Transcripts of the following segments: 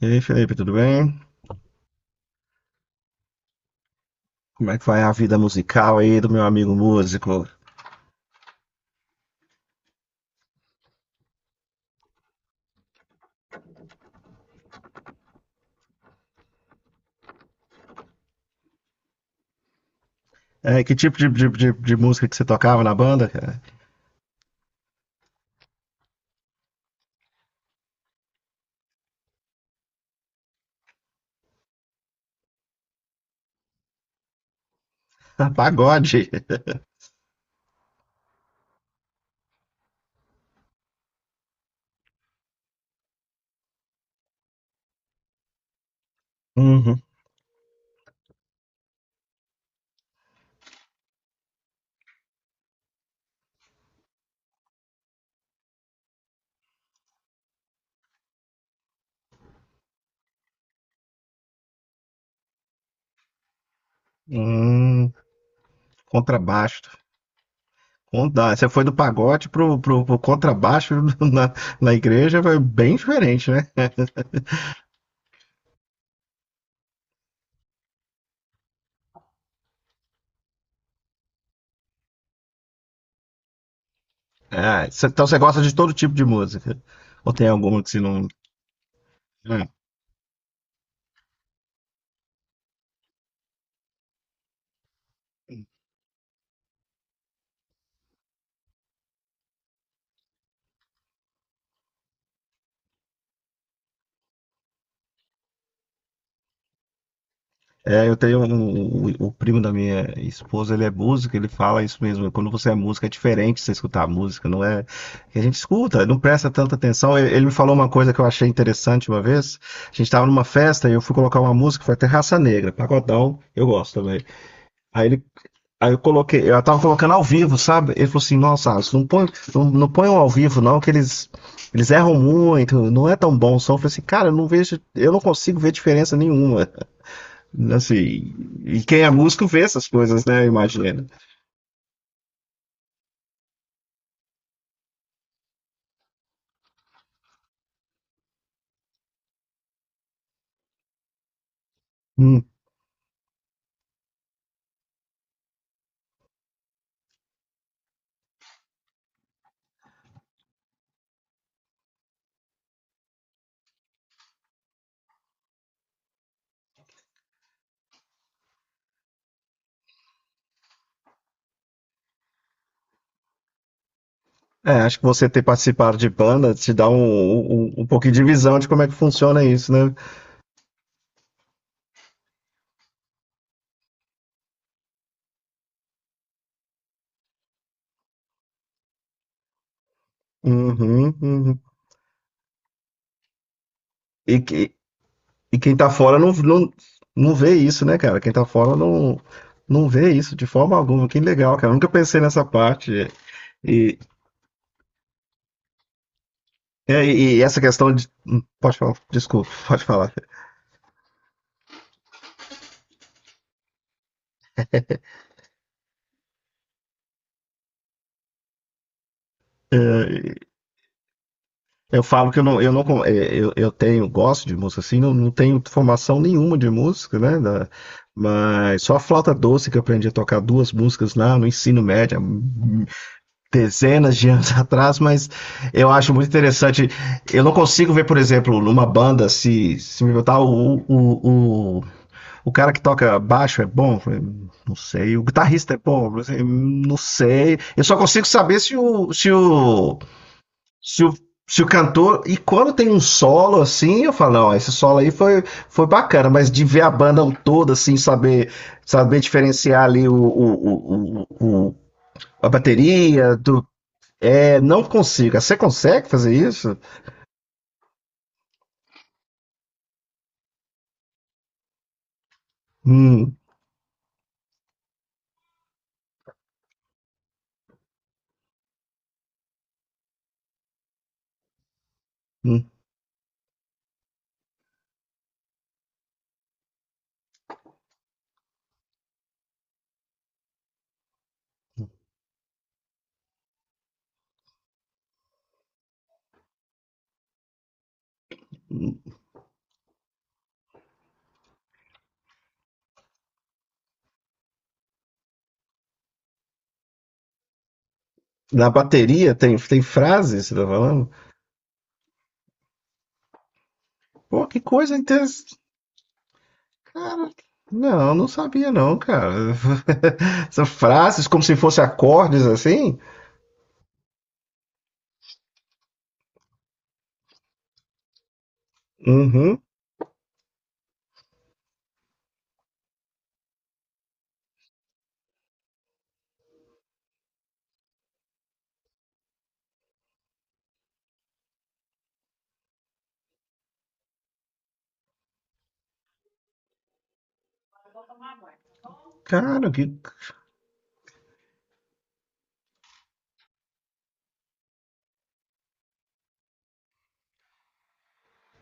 E aí, Felipe, tudo bem? Como é que vai a vida musical aí do meu amigo músico? Que tipo de música que você tocava na banda, cara? Pagode. Uhum. Hum, contrabaixo. Você foi do pagode pro contrabaixo na, na igreja, foi bem diferente, né? Ah, então você gosta de todo tipo de música? Ou tem alguma que você não. Né? É, eu tenho o primo da minha esposa, ele é músico, ele fala isso mesmo. Quando você é músico, é diferente você escutar a música, não é? Que a gente escuta, não presta tanta atenção. Ele me falou uma coisa que eu achei interessante uma vez. A gente estava numa festa e eu fui colocar uma música, foi até Raça Negra, pagodão, eu gosto também. Aí ele. Aí eu coloquei, eu tava colocando ao vivo, sabe? Ele falou assim, nossa, Alisson, não põe, não ponham ao vivo, não, que eles erram muito, não é tão bom o som. Eu falei assim, cara, eu não vejo, eu não consigo ver diferença nenhuma. Assim, e quem é músico vê essas coisas, né? Imagina. Hum. É, acho que você ter participado de banda te dá um pouquinho de visão de como é que funciona isso, né? Uhum, uhum. E, que- e quem tá fora não vê isso, né, cara? Quem tá fora não vê isso de forma alguma. Que legal, cara. Eu nunca pensei nessa parte. E, e essa questão de. Pode falar, desculpa, pode falar. Eu falo que eu não, con- eh, eu tenho, gosto de música assim, não tenho formação nenhuma de música, né? Mas só a flauta doce que eu aprendi a tocar duas músicas lá no ensino médio, há dezenas de anos atrás, mas eu acho muito interessante. Eu não consigo ver, por exemplo, numa banda, se me botar o cara que toca baixo é bom, não sei, o guitarrista é bom, não sei. Eu só consigo saber se o se o, se o cantor. E quando tem um solo assim, eu falo, não, esse solo foi bacana, mas de ver a banda toda, assim, saber, saber diferenciar ali a bateria do. É, não consigo. Você consegue fazer isso? Hum, hum. Na bateria tem, tem frase, você tá falando? Pô, que coisa interessante. Cara, não, não sabia não, cara. São frases como se fossem acordes assim? Uhum. Cara, que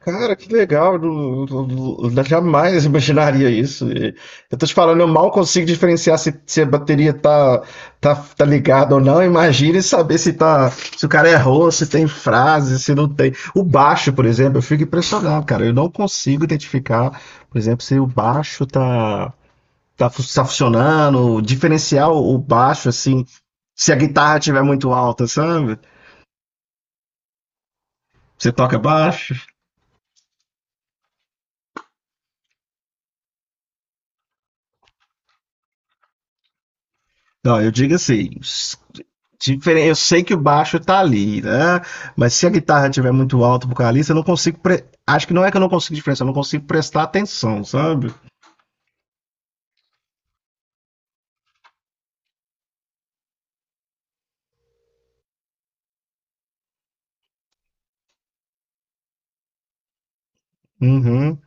Cara, que legal, jamais imaginaria isso. E eu tô te falando, eu mal consigo diferenciar se, se a bateria tá, tá, tá ligada ou não. Imagine saber se tá, se o cara errou, se tem frase, se não tem. O baixo, por exemplo, eu fico impressionado, cara. Eu não consigo identificar, por exemplo, se o baixo tá, tá, fu- tá funcionando, diferenciar o baixo, assim, se a guitarra estiver muito alta, sabe? Você toca baixo? Não, eu digo assim. Diferen. Eu sei que o baixo tá ali, né? Mas se a guitarra estiver muito alto pro vocalista, eu não consigo. Acho que não é que eu não consigo diferenciar, eu não consigo prestar atenção, sabe? Uhum.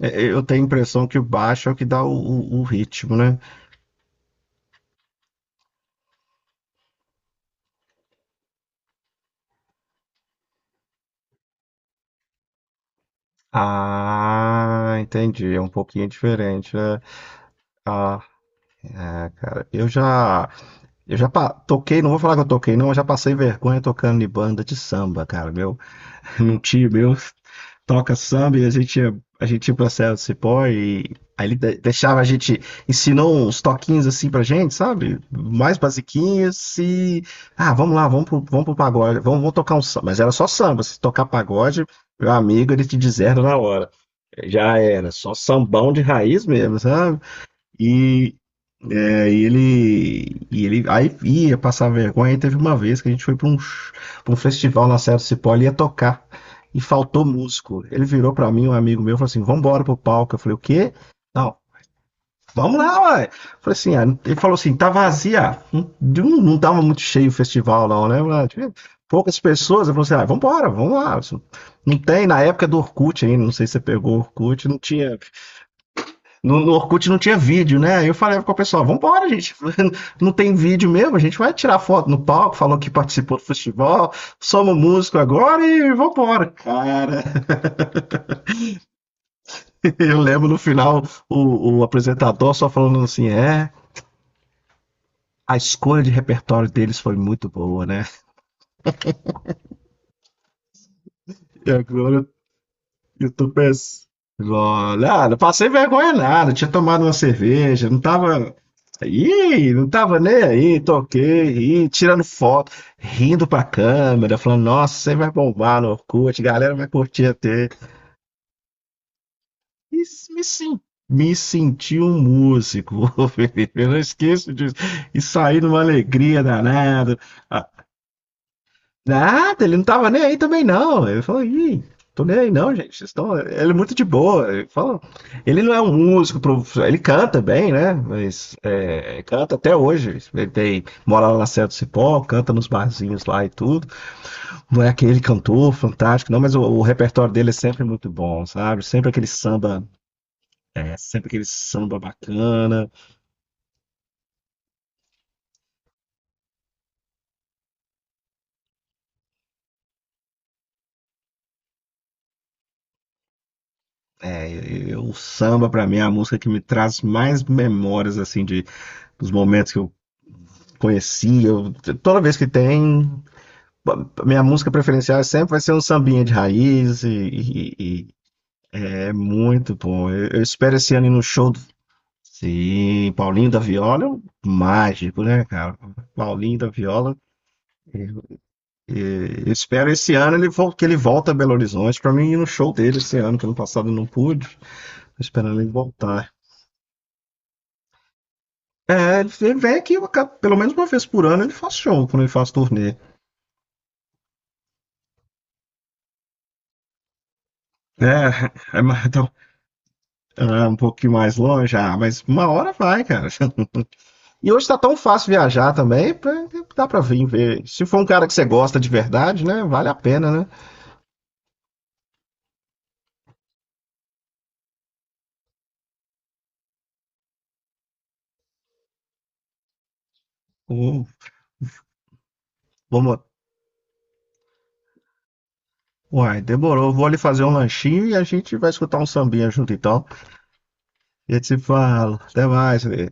Eu tenho a impressão que o baixo é o que dá o ritmo, né? Ah, entendi. É um pouquinho diferente, né? Ah, é, cara. Toquei, não vou falar que eu toquei, não, eu já passei vergonha tocando em banda de samba, cara, meu. Num tio meu. Toca samba e a gente ia pra Serra do Cipó e aí ele deixava a gente, ensinou uns toquinhos assim pra gente, sabe? Mais basiquinhos e, ah, vamos lá, vamos pro pagode, vamos, vamos tocar um samba. Mas era só samba, se tocar pagode, meu amigo, ele te deserda na hora. Já era, só sambão de raiz mesmo, sabe? E, e ele, e ele aí ia passar vergonha. Aí teve uma vez que a gente foi para pra um festival na Serra do Cipó, ele ia tocar e faltou músico. Ele virou para mim, um amigo meu, falou assim: vamos embora pro palco. Eu falei: o quê? Não, vamos lá, ué. Eu Falei assim: ah, ele falou assim: tá vazia. Não, não tava muito cheio o festival, não, né? Lá tinha poucas pessoas. Eu falei assim: ah, vamos embora, vamos lá. Isso Não tem, na época do Orkut ainda, não sei se você pegou o Orkut, não tinha no Orkut não tinha vídeo, né? Aí eu falei com o pessoal, vambora, gente. Não tem vídeo mesmo, a gente vai tirar foto no palco, falou que participou do festival, somos músico agora e vambora. Cara, eu lembro no final o apresentador só falando assim, é, a escolha de repertório deles foi muito boa, né? E agora eu tô pensando. Olha, ah, não passei vergonha nada, tinha tomado uma cerveja, não tava. Ih, não tava nem aí, toquei, ih, tirando foto, rindo pra câmera, falando, nossa, você vai bombar no Orkut, a galera vai curtir até. E s- me, sen- Me senti um músico, ô Felipe, eu não esqueço disso. E saí numa alegria danada. Nada, ele não tava nem aí também, não. Ele falou, ih, tô nem aí não, gente. Vocês estão... Ele é muito de boa. Ele falou, ele não é um músico, ele canta bem, né? Mas é, canta até hoje. Ele tem, mora lá na Serra do Cipó, canta nos barzinhos lá e tudo. Não é aquele cantor fantástico, não, mas o repertório dele é sempre muito bom, sabe? Sempre aquele samba. É, sempre aquele samba bacana. É, e o samba, pra mim, é a música que me traz mais memórias, assim, de, dos momentos que eu conhecia. Toda vez que tem, minha música preferencial sempre vai ser um sambinha de raiz e é muito bom. Eu espero esse ano ir no show do sim, Paulinho da Viola é um mágico, né, cara? Paulinho da Viola. E eu espero esse ano ele que ele volta a Belo Horizonte para mim ir no show dele esse ano, que ano passado eu não pude. Tô esperando ele voltar. É, ele ele vem aqui eu pelo menos uma vez por ano ele faz show quando ele faz turnê. É, então ah, um pouquinho mais longe, ah, mas uma hora vai, cara. E hoje tá tão fácil viajar também, dá pra vir ver. Se for um cara que você gosta de verdade, né? Vale a pena, né? Hum, vamos. Uai, demorou. Vou ali fazer um lanchinho e a gente vai escutar um sambinha junto então. E a gente se fala. Até mais, né